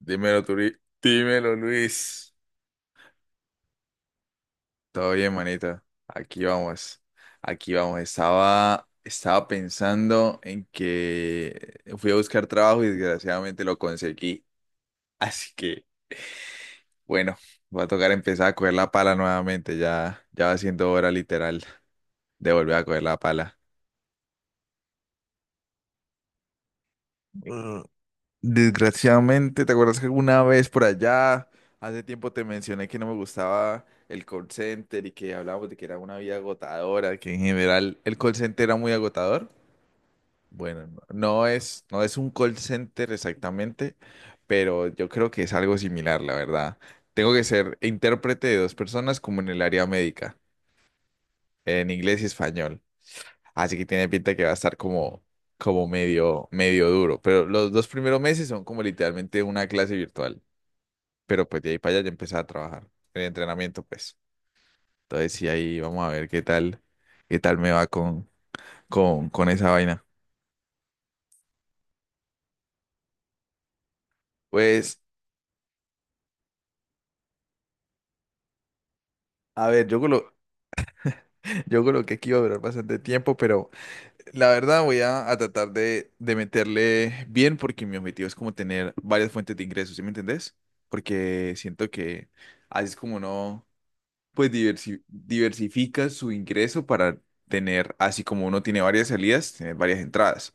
Dímelo, Turi. Dímelo, Luis. Todo bien, manita. Aquí vamos. Aquí vamos. Estaba pensando en que fui a buscar trabajo y desgraciadamente lo conseguí. Así que, bueno, va a tocar empezar a coger la pala nuevamente. Ya va siendo hora literal de volver a coger la pala. Desgraciadamente, ¿te acuerdas que alguna vez por allá, hace tiempo te mencioné que no me gustaba el call center y que hablábamos de que era una vida agotadora, que en general el call center era muy agotador? Bueno, no es un call center exactamente, pero yo creo que es algo similar, la verdad. Tengo que ser intérprete de dos personas como en el área médica, en inglés y español. Así que tiene pinta que va a estar como medio, medio duro. Pero los dos primeros meses son como literalmente una clase virtual, pero pues de ahí para allá ya empecé a trabajar en entrenamiento, pues. Entonces sí, ahí vamos a ver qué tal me va con esa vaina. Pues, a ver, yo coloqué que iba a durar bastante tiempo, pero la verdad voy a tratar de meterle bien porque mi objetivo es como tener varias fuentes de ingresos, ¿sí me entendés? Porque siento que así es como no. Pues diversifica su ingreso para tener, así como uno tiene varias salidas, tener varias entradas.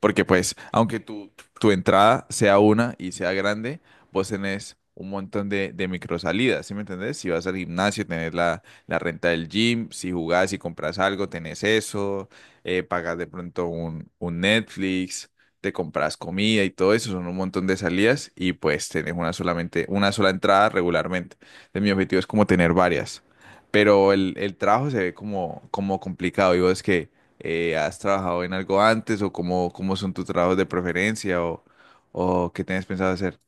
Porque pues, aunque tu entrada sea una y sea grande, vos tenés un montón de micro salidas, ¿sí me entendés? Si vas al gimnasio, tenés la renta del gym, si jugás y compras algo, tenés eso, pagas de pronto un Netflix, te compras comida y todo eso, son un montón de salidas y pues tenés una solamente, una sola entrada regularmente. Entonces, mi objetivo es como tener varias, pero el trabajo se ve como, como complicado. Digo, es que has trabajado en algo antes o cómo, cómo son tus trabajos de preferencia o qué tienes pensado hacer,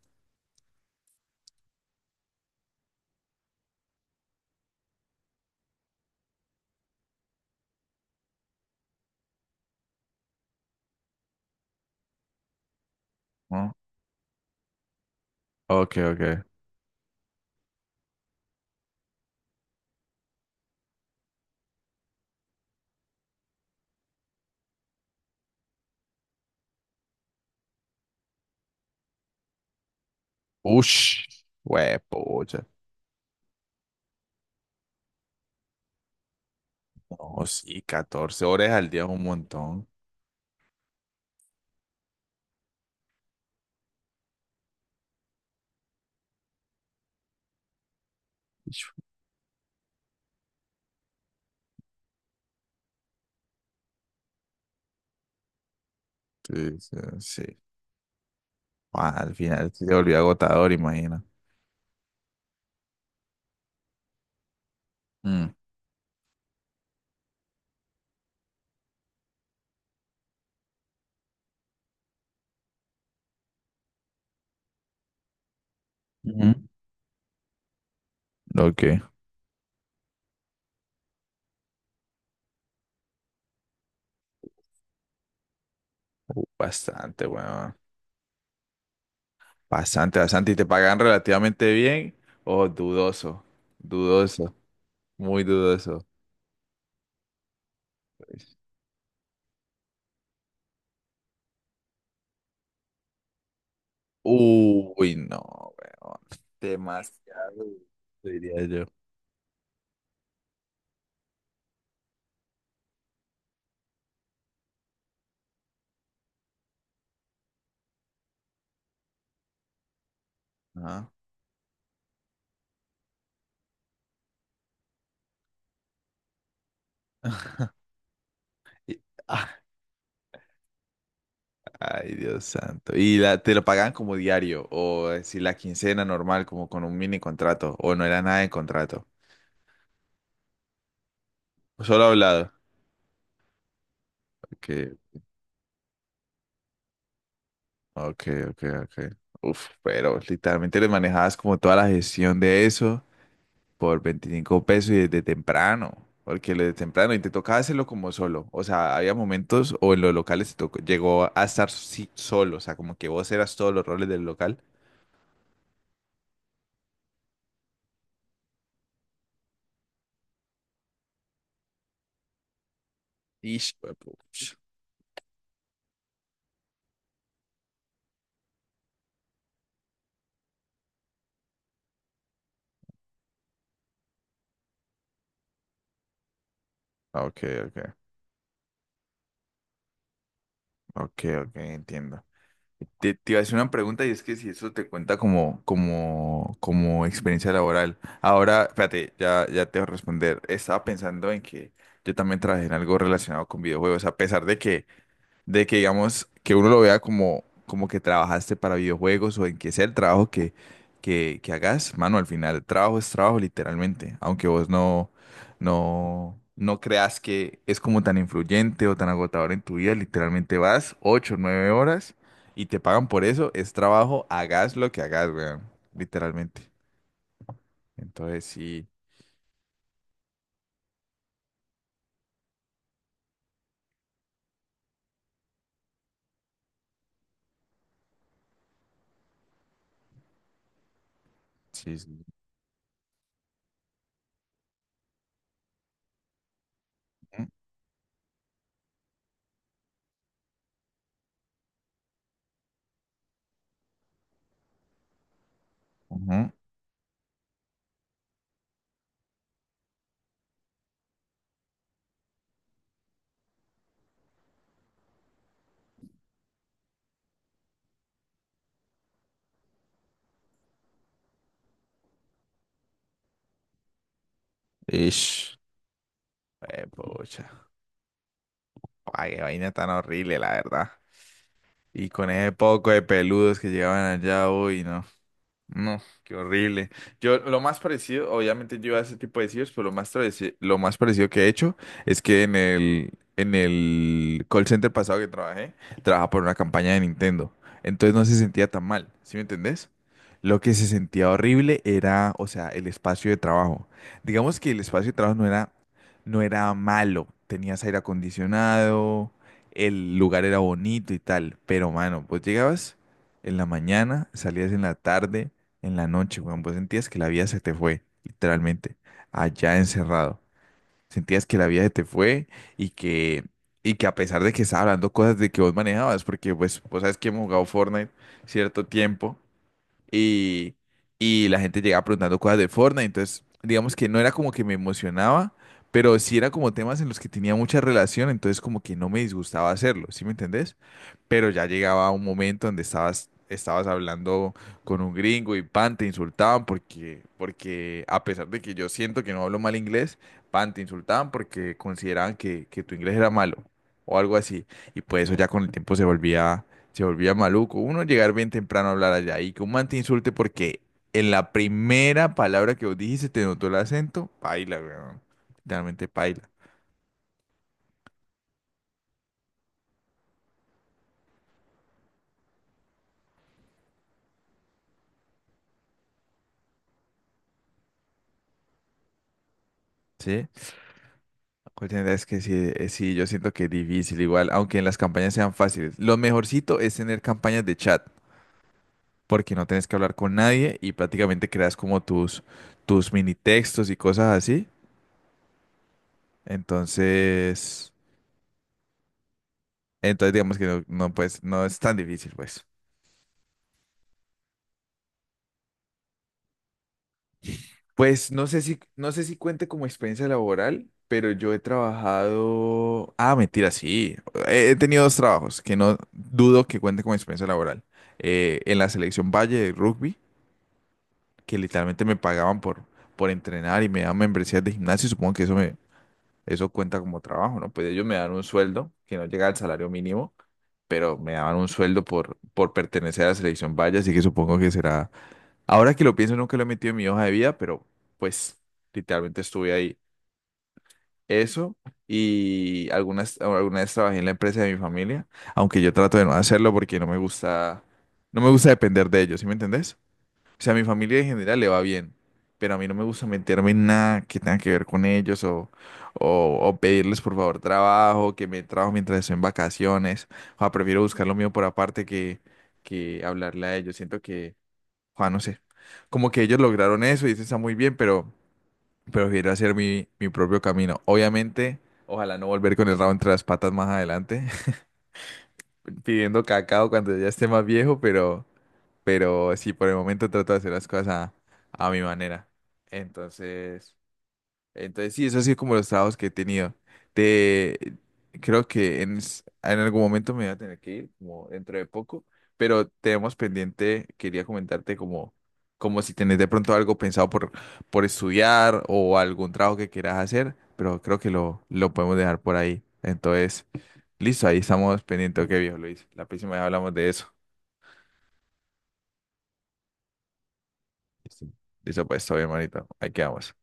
¿no? Ok, ok. Ush, huepucha. No, sí, 14 horas al día es un montón. Sí, sí, sí. Ah, al final sí se volvió agotador, imagina. Mm. Ujú. Ok. Bastante, bueno. Bastante, bastante. ¿Y te pagan relativamente bien? Oh, dudoso, dudoso, muy dudoso. Pues. Uy, no, weón. Demasiado, diría yo. Ajá. Y- ah, ay, Dios santo. ¿Y la, te lo pagaban como diario? ¿O si la quincena normal, como con un mini contrato? ¿O no era nada de contrato? Solo hablado. Okay, ok, ok, ok. Uf, pero literalmente le manejabas como toda la gestión de eso. Por 25 pesos y desde temprano, porque desde temprano y te tocaba hacerlo como solo. O sea, había momentos o en los locales te tocó, llegó a estar sí, solo, o sea, como que vos eras todos los roles del local. Ish, huepuch. Ok, ok, ok, ok, entiendo. Te iba a hacer una pregunta y es que si eso te cuenta como, como, como experiencia laboral. Ahora, espérate, ya te voy a responder. Estaba pensando en que yo también trabajé en algo relacionado con videojuegos, a pesar de que digamos que uno lo vea como, como que trabajaste para videojuegos o en que sea el trabajo que, que hagas, mano, al final trabajo es trabajo literalmente, aunque vos no creas que es como tan influyente o tan agotador en tu vida, literalmente vas 8 9 horas y te pagan por eso, es trabajo, hagas lo que hagas, weón, literalmente. Entonces sí, sí, sí. Ujú. Ish. Pucha, ay, qué vaina tan horrible, la verdad. Y con ese poco de peludos que llegaban allá, uy, no. No, qué horrible. Yo lo más parecido, obviamente yo a ese tipo de sitios, pero lo más parecido que he hecho es que en en el call center pasado que trabajé, trabajaba por una campaña de Nintendo. Entonces no se sentía tan mal, ¿sí me entendés? Lo que se sentía horrible era, o sea, el espacio de trabajo. Digamos que el espacio de trabajo no era malo. Tenías aire acondicionado, el lugar era bonito y tal, pero mano, pues llegabas en la mañana, salías en la tarde en la noche, weón. Vos sentías que la vida se te fue, literalmente, allá encerrado. Sentías que la vida se te fue y y que a pesar de que estaba hablando cosas de que vos manejabas, porque pues vos sabes que hemos jugado Fortnite cierto tiempo y, y la gente llegaba preguntando cosas de Fortnite, entonces digamos que no era como que me emocionaba, pero sí era como temas en los que tenía mucha relación, entonces como que no me disgustaba hacerlo, ¿sí me entendés? Pero ya llegaba un momento donde estabas hablando con un gringo y pan, te insultaban porque a pesar de que yo siento que no hablo mal inglés, pan, te insultaban porque consideraban que tu inglés era malo o algo así, y pues eso ya con el tiempo se volvía maluco. Uno llegar bien temprano a hablar allá y que un man te insulte porque en la primera palabra que vos dijiste te notó el acento, paila, weón. Literalmente paila. ¿Sí? La cuestión es que sí, sí, yo siento que es difícil igual, aunque en las campañas sean fáciles. Lo mejorcito es tener campañas de chat, porque no tenés que hablar con nadie y prácticamente creas como tus, tus mini textos y cosas así. Entonces, entonces digamos que no, pues, no es tan difícil, pues. Pues no sé si cuente como experiencia laboral, pero yo he trabajado. Ah, mentira, sí. He tenido dos trabajos que no dudo que cuente como experiencia laboral. En la selección Valle de rugby, que literalmente me pagaban por entrenar y me daban membresías de gimnasio. Supongo que eso cuenta como trabajo, ¿no? Pues ellos me dan un sueldo que no llega al salario mínimo, pero me daban un sueldo por pertenecer a la selección Valle, así que supongo que será. Ahora que lo pienso, nunca lo he metido en mi hoja de vida, pero pues literalmente estuve ahí. Eso y alguna vez trabajé en la empresa de mi familia, aunque yo trato de no hacerlo porque no me gusta depender de ellos, ¿sí me entendés? O sea, a mi familia en general le va bien, pero a mí no me gusta meterme en nada que tenga que ver con ellos o pedirles por favor trabajo, que me trabajo mientras estoy en vacaciones. O sea, prefiero buscar lo mío por aparte que hablarle a ellos. Siento que Juan, no sé. Como que ellos lograron eso y eso está muy bien, pero prefiero hacer mi propio camino. Obviamente, ojalá no volver con el rabo entre las patas más adelante, pidiendo cacao cuando ya esté más viejo, pero sí, por el momento trato de hacer las cosas a mi manera. Entonces... Entonces, sí, eso ha sido como los trabajos que he tenido. Te, creo que en, en algún momento me voy a tener que ir, como dentro de poco, pero tenemos pendiente, quería comentarte como, como si tenés de pronto algo pensado por estudiar o algún trabajo que quieras hacer, pero creo que lo podemos dejar por ahí. Entonces, listo, ahí estamos pendientes. Ok, viejo Luis, la próxima vez hablamos de eso. Listo, listo, pues, todo bien, manito. Ahí quedamos.